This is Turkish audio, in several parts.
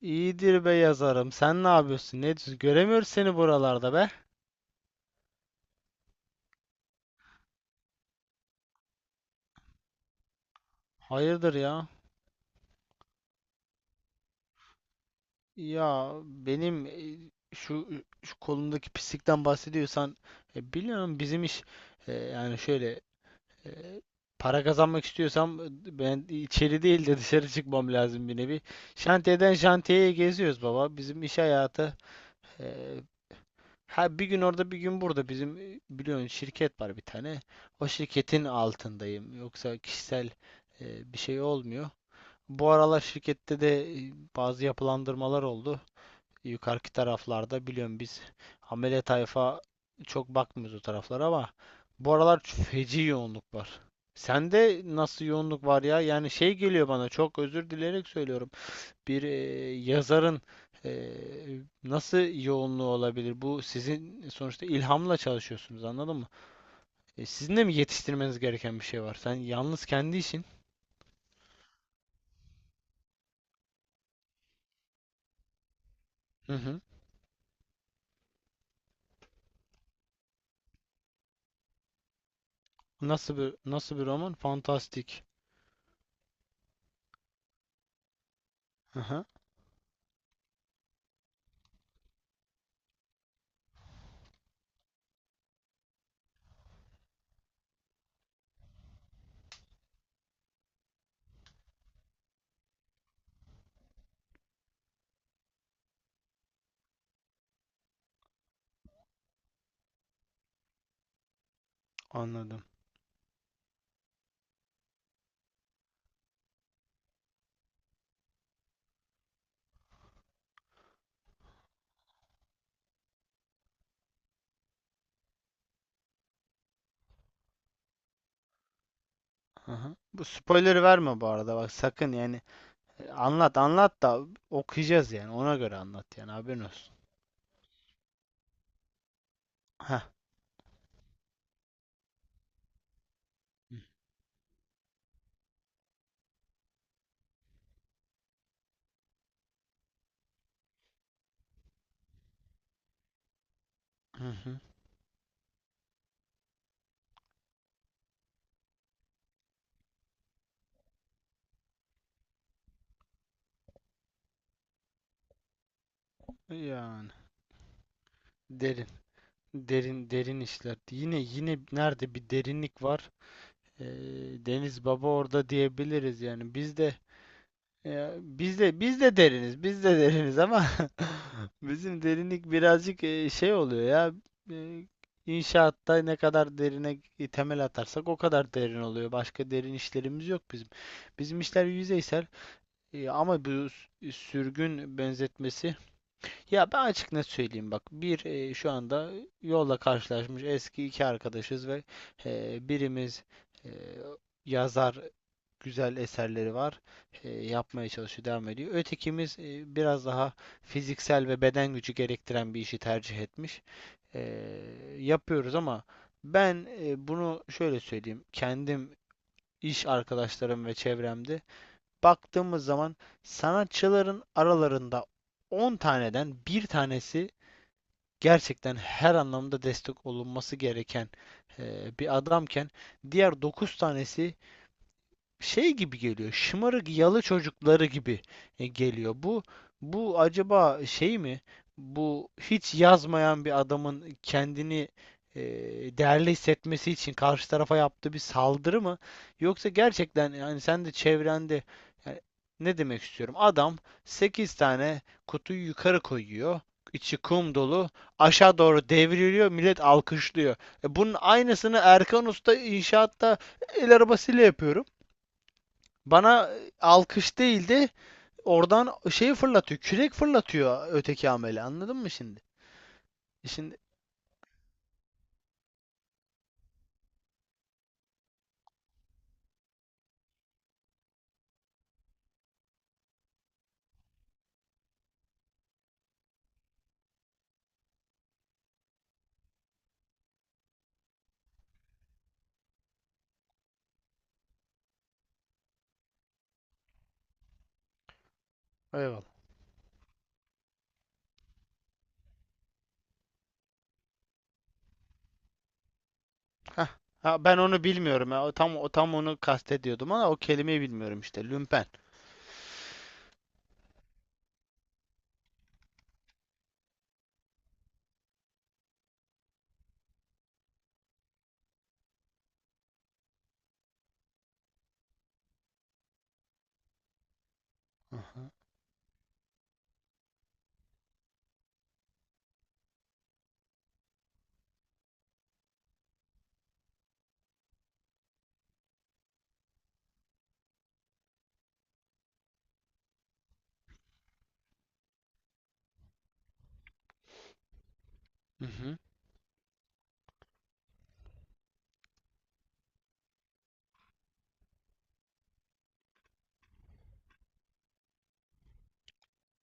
İyidir be yazarım. Sen ne yapıyorsun? Ne diyorsun? Göremiyoruz seni buralarda be. Hayırdır ya? Ya benim şu, şu kolundaki pislikten bahsediyorsan biliyorum bizim iş yani şöyle e, para kazanmak istiyorsam ben içeri değil de dışarı çıkmam lazım bir nevi. Şantiyeden şantiyeye geziyoruz baba. Bizim iş hayatı. e, Ha, bir gün orada bir gün burada bizim biliyorsun şirket var bir tane. O şirketin altındayım. Yoksa kişisel bir şey olmuyor. Bu aralar şirkette de bazı yapılandırmalar oldu. Yukarıki taraflarda biliyorum biz amele tayfa çok bakmıyoruz o taraflara, ama bu aralar feci yoğunluk var. Sende nasıl yoğunluk var ya? Yani şey geliyor bana, çok özür dileyerek söylüyorum, bir yazarın nasıl yoğunluğu olabilir? Bu sizin sonuçta ilhamla çalışıyorsunuz, anladın mı? Sizin de mi yetiştirmeniz gereken bir şey var? Sen yalnız kendi işin. Hı hı. Nasıl bir roman? Fantastik. Hı hı. Anladım. Hı hı. Bu spoiler verme bu arada bak sakın yani. Anlat anlat da okuyacağız yani, ona göre anlat yani, haberin olsun. Heh. Hı hı. Yani derin derin derin işler. Yine nerede bir derinlik var. Ee, Deniz Baba orada diyebiliriz yani. Biz de ya biz de deriniz. Biz de deriniz ama bizim derinlik birazcık şey oluyor ya. e, İnşaatta ne kadar derine temel atarsak o kadar derin oluyor. Başka derin işlerimiz yok bizim. Bizim işler yüzeysel. Ama bu sürgün benzetmesi, ya ben açık net söyleyeyim bak. Bir şu anda yolla karşılaşmış eski iki arkadaşız ve birimiz e, yazar, güzel eserleri var. Yapmaya çalışıyor, devam ediyor. Ötekimiz biraz daha fiziksel ve beden gücü gerektiren bir işi tercih etmiş. E, yapıyoruz ama ben bunu şöyle söyleyeyim. Kendim, iş arkadaşlarım ve çevremde baktığımız zaman, sanatçıların aralarında 10 taneden bir tanesi gerçekten her anlamda destek olunması gereken bir adamken, diğer 9 tanesi şey gibi geliyor. Şımarık yalı çocukları gibi geliyor. Bu acaba şey mi? Bu hiç yazmayan bir adamın kendini e, değerli hissetmesi için karşı tarafa yaptığı bir saldırı mı? Yoksa gerçekten, yani sen de çevrende, yani ne demek istiyorum? Adam 8 tane kutuyu yukarı koyuyor, içi kum dolu. Aşağı doğru devriliyor, millet alkışlıyor. Bunun aynısını Erkan Usta inşaatta el arabasıyla yapıyorum. Bana alkış değil de oradan şey fırlatıyor. Kürek fırlatıyor öteki amele. Anladın mı şimdi? Şimdi. Eyvallah. Hah. Ha, ben onu bilmiyorum ya. O tam onu kastediyordum ama o kelimeyi bilmiyorum işte. Lümpen. Aha. Hı hı.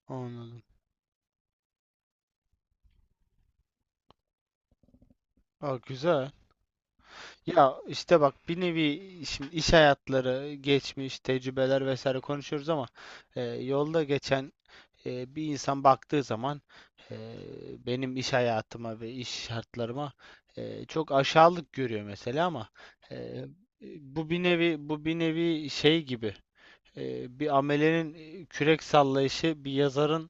Anladım. Aa, güzel. Ya işte bak, bir nevi şimdi iş hayatları, geçmiş, tecrübeler vesaire konuşuyoruz ama yolda geçen bir insan baktığı zaman e, benim iş hayatıma ve iş şartlarıma çok aşağılık görüyor mesela, ama e, bu bir nevi şey gibi, bir amelenin kürek sallayışı bir yazarın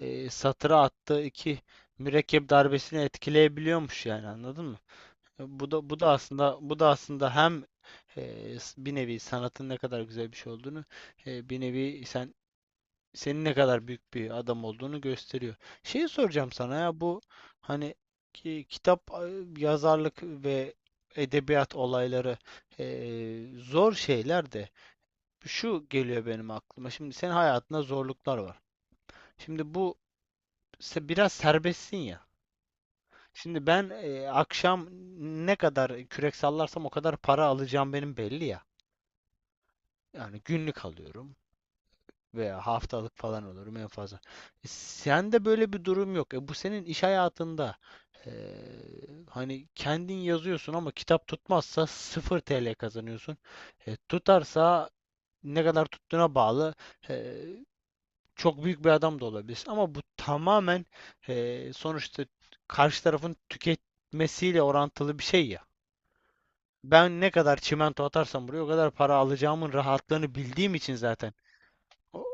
satıra attığı iki mürekkep darbesini etkileyebiliyormuş yani, anladın mı? Bu da aslında hem bir nevi sanatın ne kadar güzel bir şey olduğunu, bir nevi senin ne kadar büyük bir adam olduğunu gösteriyor. Şeyi soracağım sana ya, bu hani kitap, yazarlık ve edebiyat olayları e, zor şeyler, de şu geliyor benim aklıma. Şimdi senin hayatında zorluklar var. Şimdi bu biraz serbestsin ya. Şimdi ben akşam ne kadar kürek sallarsam o kadar para alacağım benim belli ya. Yani günlük alıyorum, veya haftalık falan olurum en fazla. Sende böyle bir durum yok. Bu senin iş hayatında e, hani kendin yazıyorsun ama kitap tutmazsa 0 TL kazanıyorsun. Tutarsa ne kadar tuttuğuna bağlı. E, çok büyük bir adam da olabilirsin, ama bu tamamen, sonuçta, karşı tarafın tüketmesiyle orantılı bir şey ya. Ben ne kadar çimento atarsam buraya o kadar para alacağımın rahatlığını bildiğim için zaten o,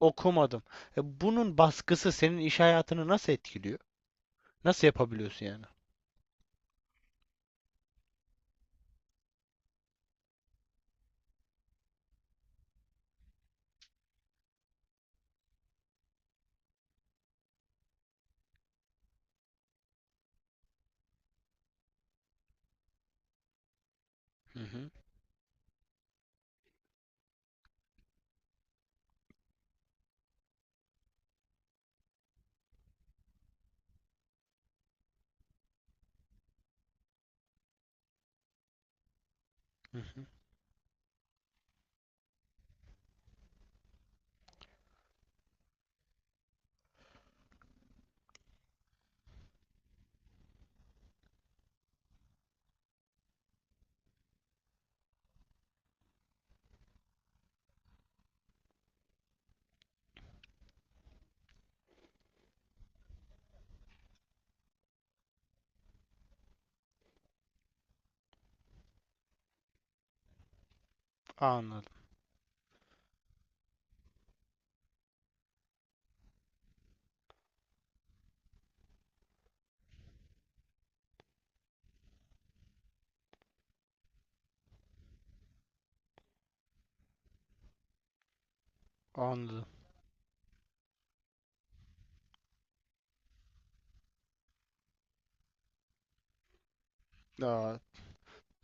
okumadım. Bunun baskısı senin iş hayatını nasıl etkiliyor? Nasıl yapabiliyorsun yani? Hı hı, hı hı. Anladım, anladım. Aa,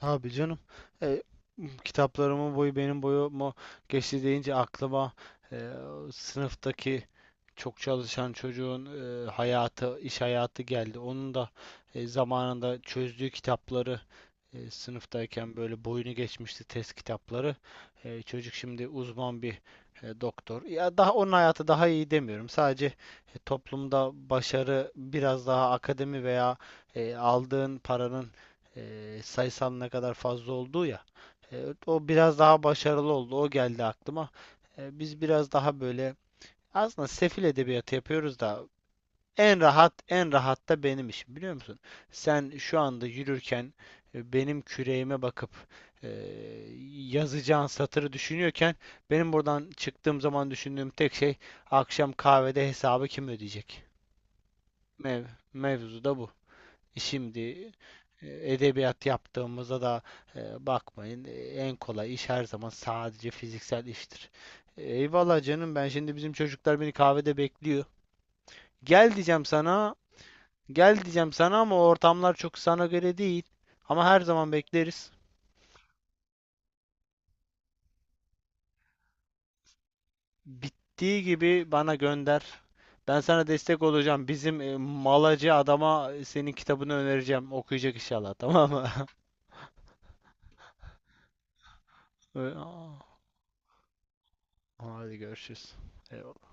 abi canım, e, kitaplarımın boyu benim boyumu geçti deyince aklıma e, sınıftaki çok çalışan çocuğun hayatı, iş hayatı geldi. Onun da zamanında çözdüğü kitapları sınıftayken böyle boyunu geçmişti test kitapları. Çocuk şimdi uzman bir doktor. Ya daha onun hayatı daha iyi demiyorum. Sadece toplumda başarı biraz daha akademi veya aldığın paranın sayısal ne kadar fazla olduğu ya. O biraz daha başarılı oldu. O geldi aklıma. Biz biraz daha böyle aslında sefil edebiyatı yapıyoruz da en rahat, en rahat da benim işim, biliyor musun? Sen şu anda yürürken benim küreğime bakıp e, yazacağın satırı düşünüyorken, benim buradan çıktığım zaman düşündüğüm tek şey akşam kahvede hesabı kim ödeyecek? Mev, mevzu da bu. Şimdi edebiyat yaptığımızda da bakmayın, en kolay iş her zaman sadece fiziksel iştir. Eyvallah canım, ben şimdi bizim çocuklar beni kahvede bekliyor. Gel diyeceğim sana Gel diyeceğim sana ama ortamlar çok sana göre değil. Ama her zaman bekleriz. Bittiği gibi bana gönder. Ben sana destek olacağım. Bizim malacı adama, senin kitabını önereceğim. Okuyacak inşallah, tamam mı? Hadi görüşürüz. Eyvallah.